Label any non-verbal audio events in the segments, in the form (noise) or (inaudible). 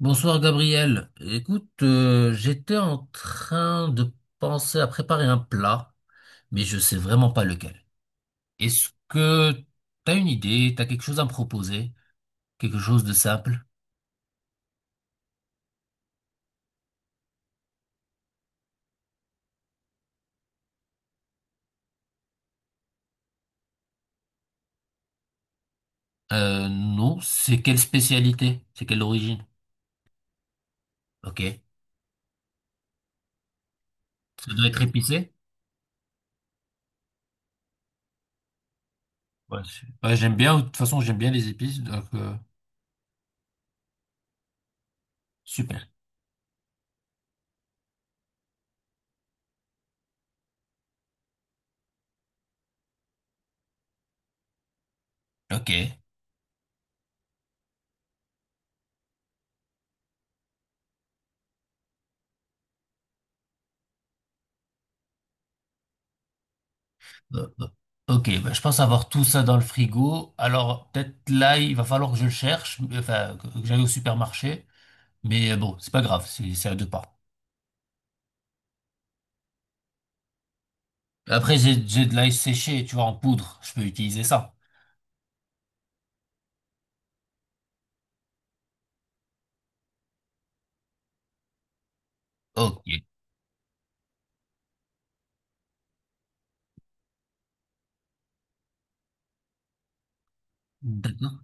Bonsoir Gabriel. Écoute, j'étais en train de penser à préparer un plat, mais je sais vraiment pas lequel. Est-ce que t'as une idée, t'as quelque chose à me proposer? Quelque chose de simple? Non, c'est quelle spécialité? C'est quelle origine? Ok. Ça doit être épicé? Ouais, ouais, j'aime bien, de toute façon j'aime bien les épices, super. Ok. Euh, euh, Ok, bah, je pense avoir tout ça dans le frigo. Alors, peut-être là, il va falloir que je le cherche, enfin, que j'aille au supermarché. Mais bon, c'est pas grave, c'est à deux pas. Après, j'ai de l'ail séché, tu vois, en poudre. Je peux utiliser ça. Ok. D'accord.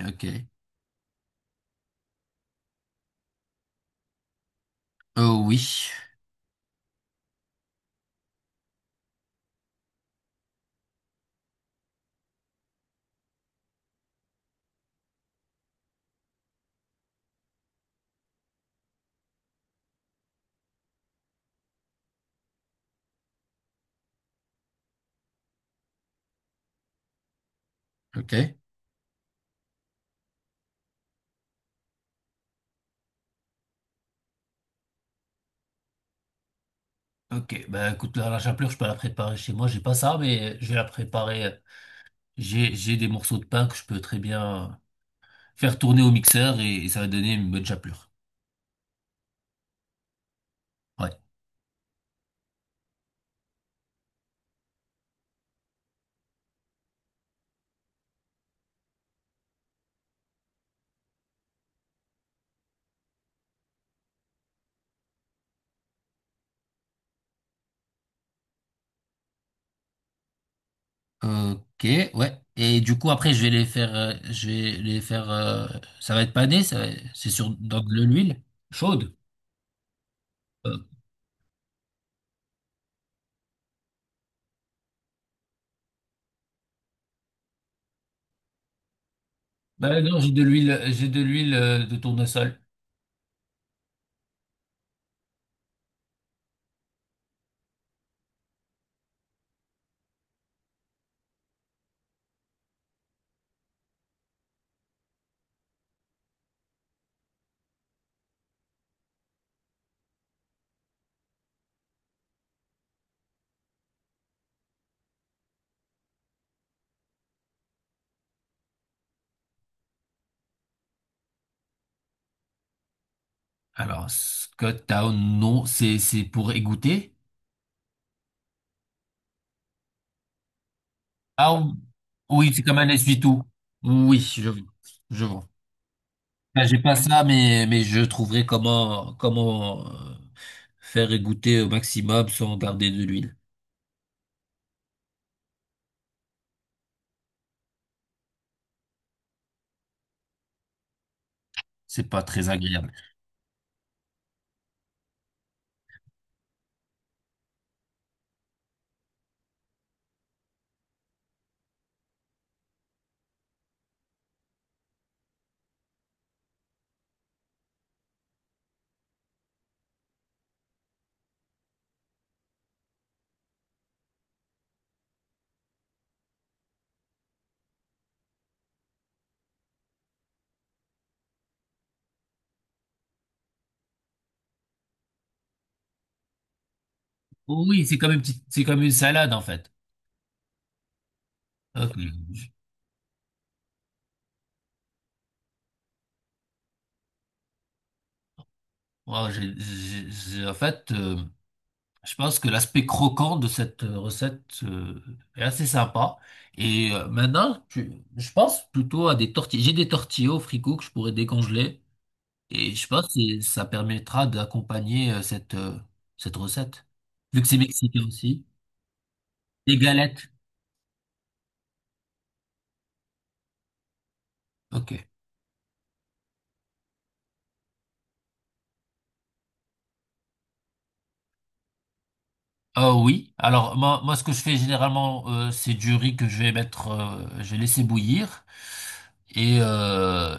Ok. Oh oui. Ok. Ok, bah écoute, là, la chapelure, je peux la préparer chez moi. J'ai pas ça, mais je vais la préparer. J'ai des morceaux de pain que je peux très bien faire tourner au mixeur et ça va donner une bonne chapelure. Ouais. Ok, ouais. Et du coup, après, je vais les faire, ça va être pané, c'est sur, dans de l'huile chaude. Euh, Bah non, j'ai de l'huile, j'ai de l'huile de tournesol. Alors, Scott Town, non, c'est pour égoutter. Ah oui, c'est comme un essuie-tout. Oui, je vois. Je vois. Ben, j'ai pas ça, mais je trouverai comment, comment faire égoutter au maximum sans garder de l'huile. C'est pas très agréable. Oui, c'est comme une petite, c'est comme une salade en fait. Ok. Wow, en fait, je pense que l'aspect croquant de cette recette est assez sympa. Maintenant, je pense plutôt à des tortillas. J'ai des tortillas au frigo que je pourrais décongeler. Et je pense que ça permettra d'accompagner cette, cette recette. Vu que c'est mexicain aussi. Des galettes. Ok. Oui, alors moi ce que je fais généralement c'est du riz que je vais mettre, je vais laisser bouillir et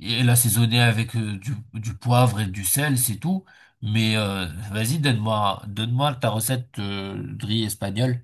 et l'assaisonner avec du poivre et du sel, c'est tout. Mais vas-y, donne-moi, donne-moi ta recette de riz espagnol.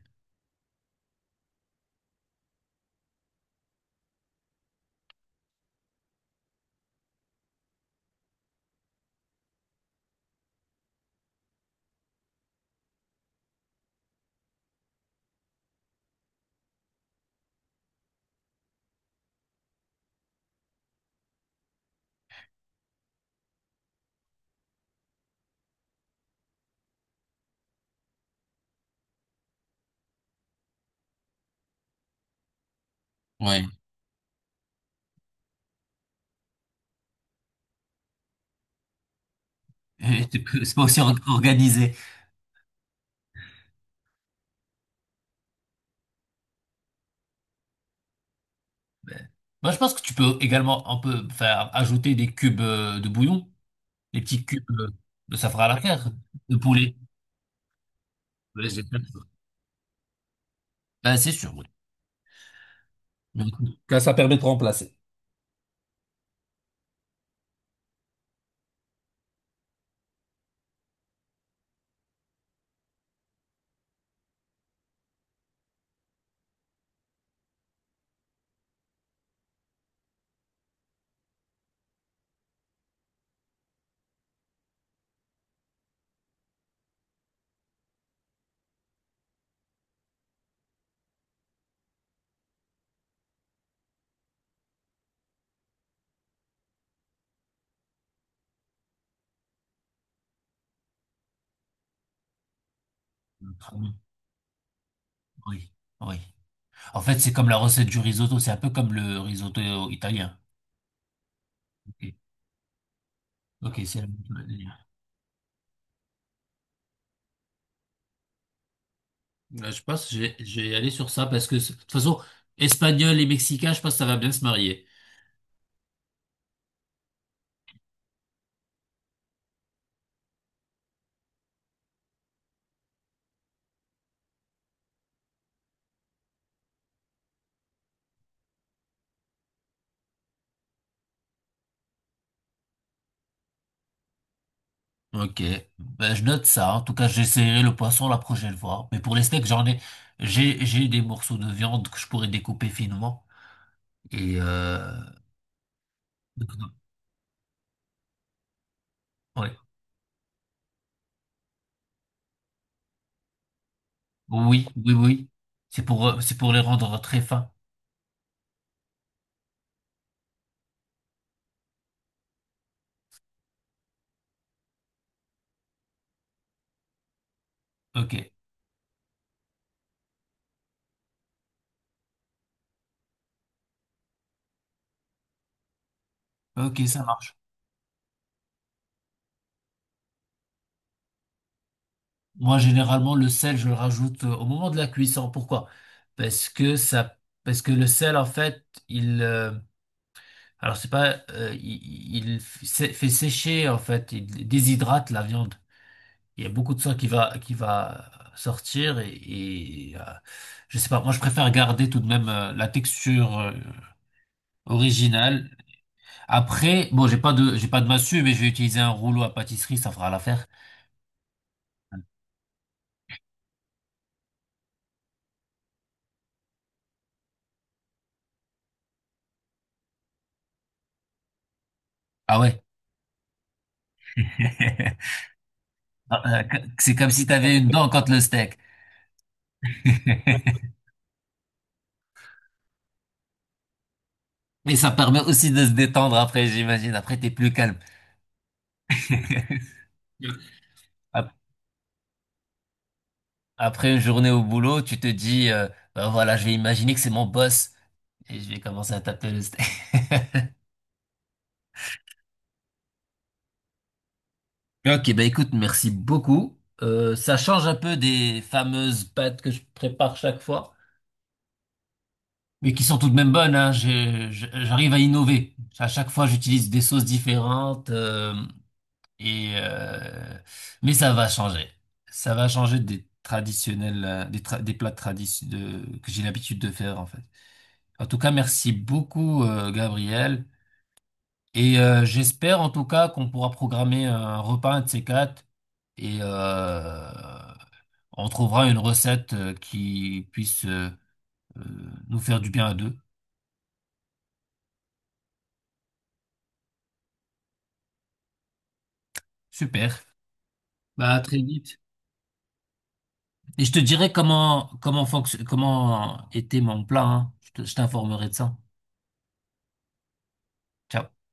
Ouais. (laughs) Et tu peux- C'est pas aussi organisé. Mais- Moi je pense que tu peux également un peu faire ajouter des cubes de bouillon, des petits cubes, ça fera l'affaire, de poulet. Ouais, c'est sûr. Ben, c'est sûr, oui. Donc, que ça permet de remplacer. Autrement, oui, oui. En fait, c'est comme la recette du risotto, c'est un peu comme le risotto italien. Ok, ok, c'est la même chose. Là, je pense que je vais aller sur ça parce que de toute façon, espagnol et mexicain, je pense que ça va bien se marier. Ok, ben, je note ça. En tout cas, j'essaierai le poisson la prochaine fois. Mais pour les steaks, j'ai des morceaux de viande que je pourrais découper finement. Et euh, ouais. Oui, oui, oui. C'est pour les rendre très fins. Ok. Ok, ça marche. Moi, généralement, le sel, je le rajoute au moment de la cuisson. Pourquoi? Parce que ça, parce que le sel, en fait, il, euh, alors c'est pas, fait sécher, en fait, il déshydrate la viande. Il y a beaucoup de sang qui va sortir et je sais pas. Moi, je préfère garder tout de même la texture originale. Après, bon, j'ai pas de massue, mais je vais utiliser un rouleau à pâtisserie, ça fera l'affaire. Ah ouais. (laughs) Ah, c'est comme si tu avais une dent contre le steak. (laughs) Mais ça permet aussi de se détendre après, j'imagine. Après, t'es plus calme. (laughs) Ap- Après une journée au boulot, tu te dis, ben voilà, je vais imaginer que c'est mon boss et je vais commencer à taper le steak. (laughs) Ok, bah écoute, merci beaucoup. Ça change un peu des fameuses pâtes que je prépare chaque fois, mais qui sont tout de même bonnes, hein. J'arrive à innover. À chaque fois, j'utilise des sauces différentes. Et euh, mais ça va changer. Ça va changer des traditionnels, des plats traditionnels que j'ai l'habitude de faire en fait. En tout cas, merci beaucoup Gabriel. J'espère en tout cas qu'on pourra programmer un repas un de ces quatre et on trouvera une recette qui puisse euh, nous faire du bien à deux. Super. Bah à très vite. Et je te dirai comment était mon plat. Hein. Je t'informerai de ça. Ciao.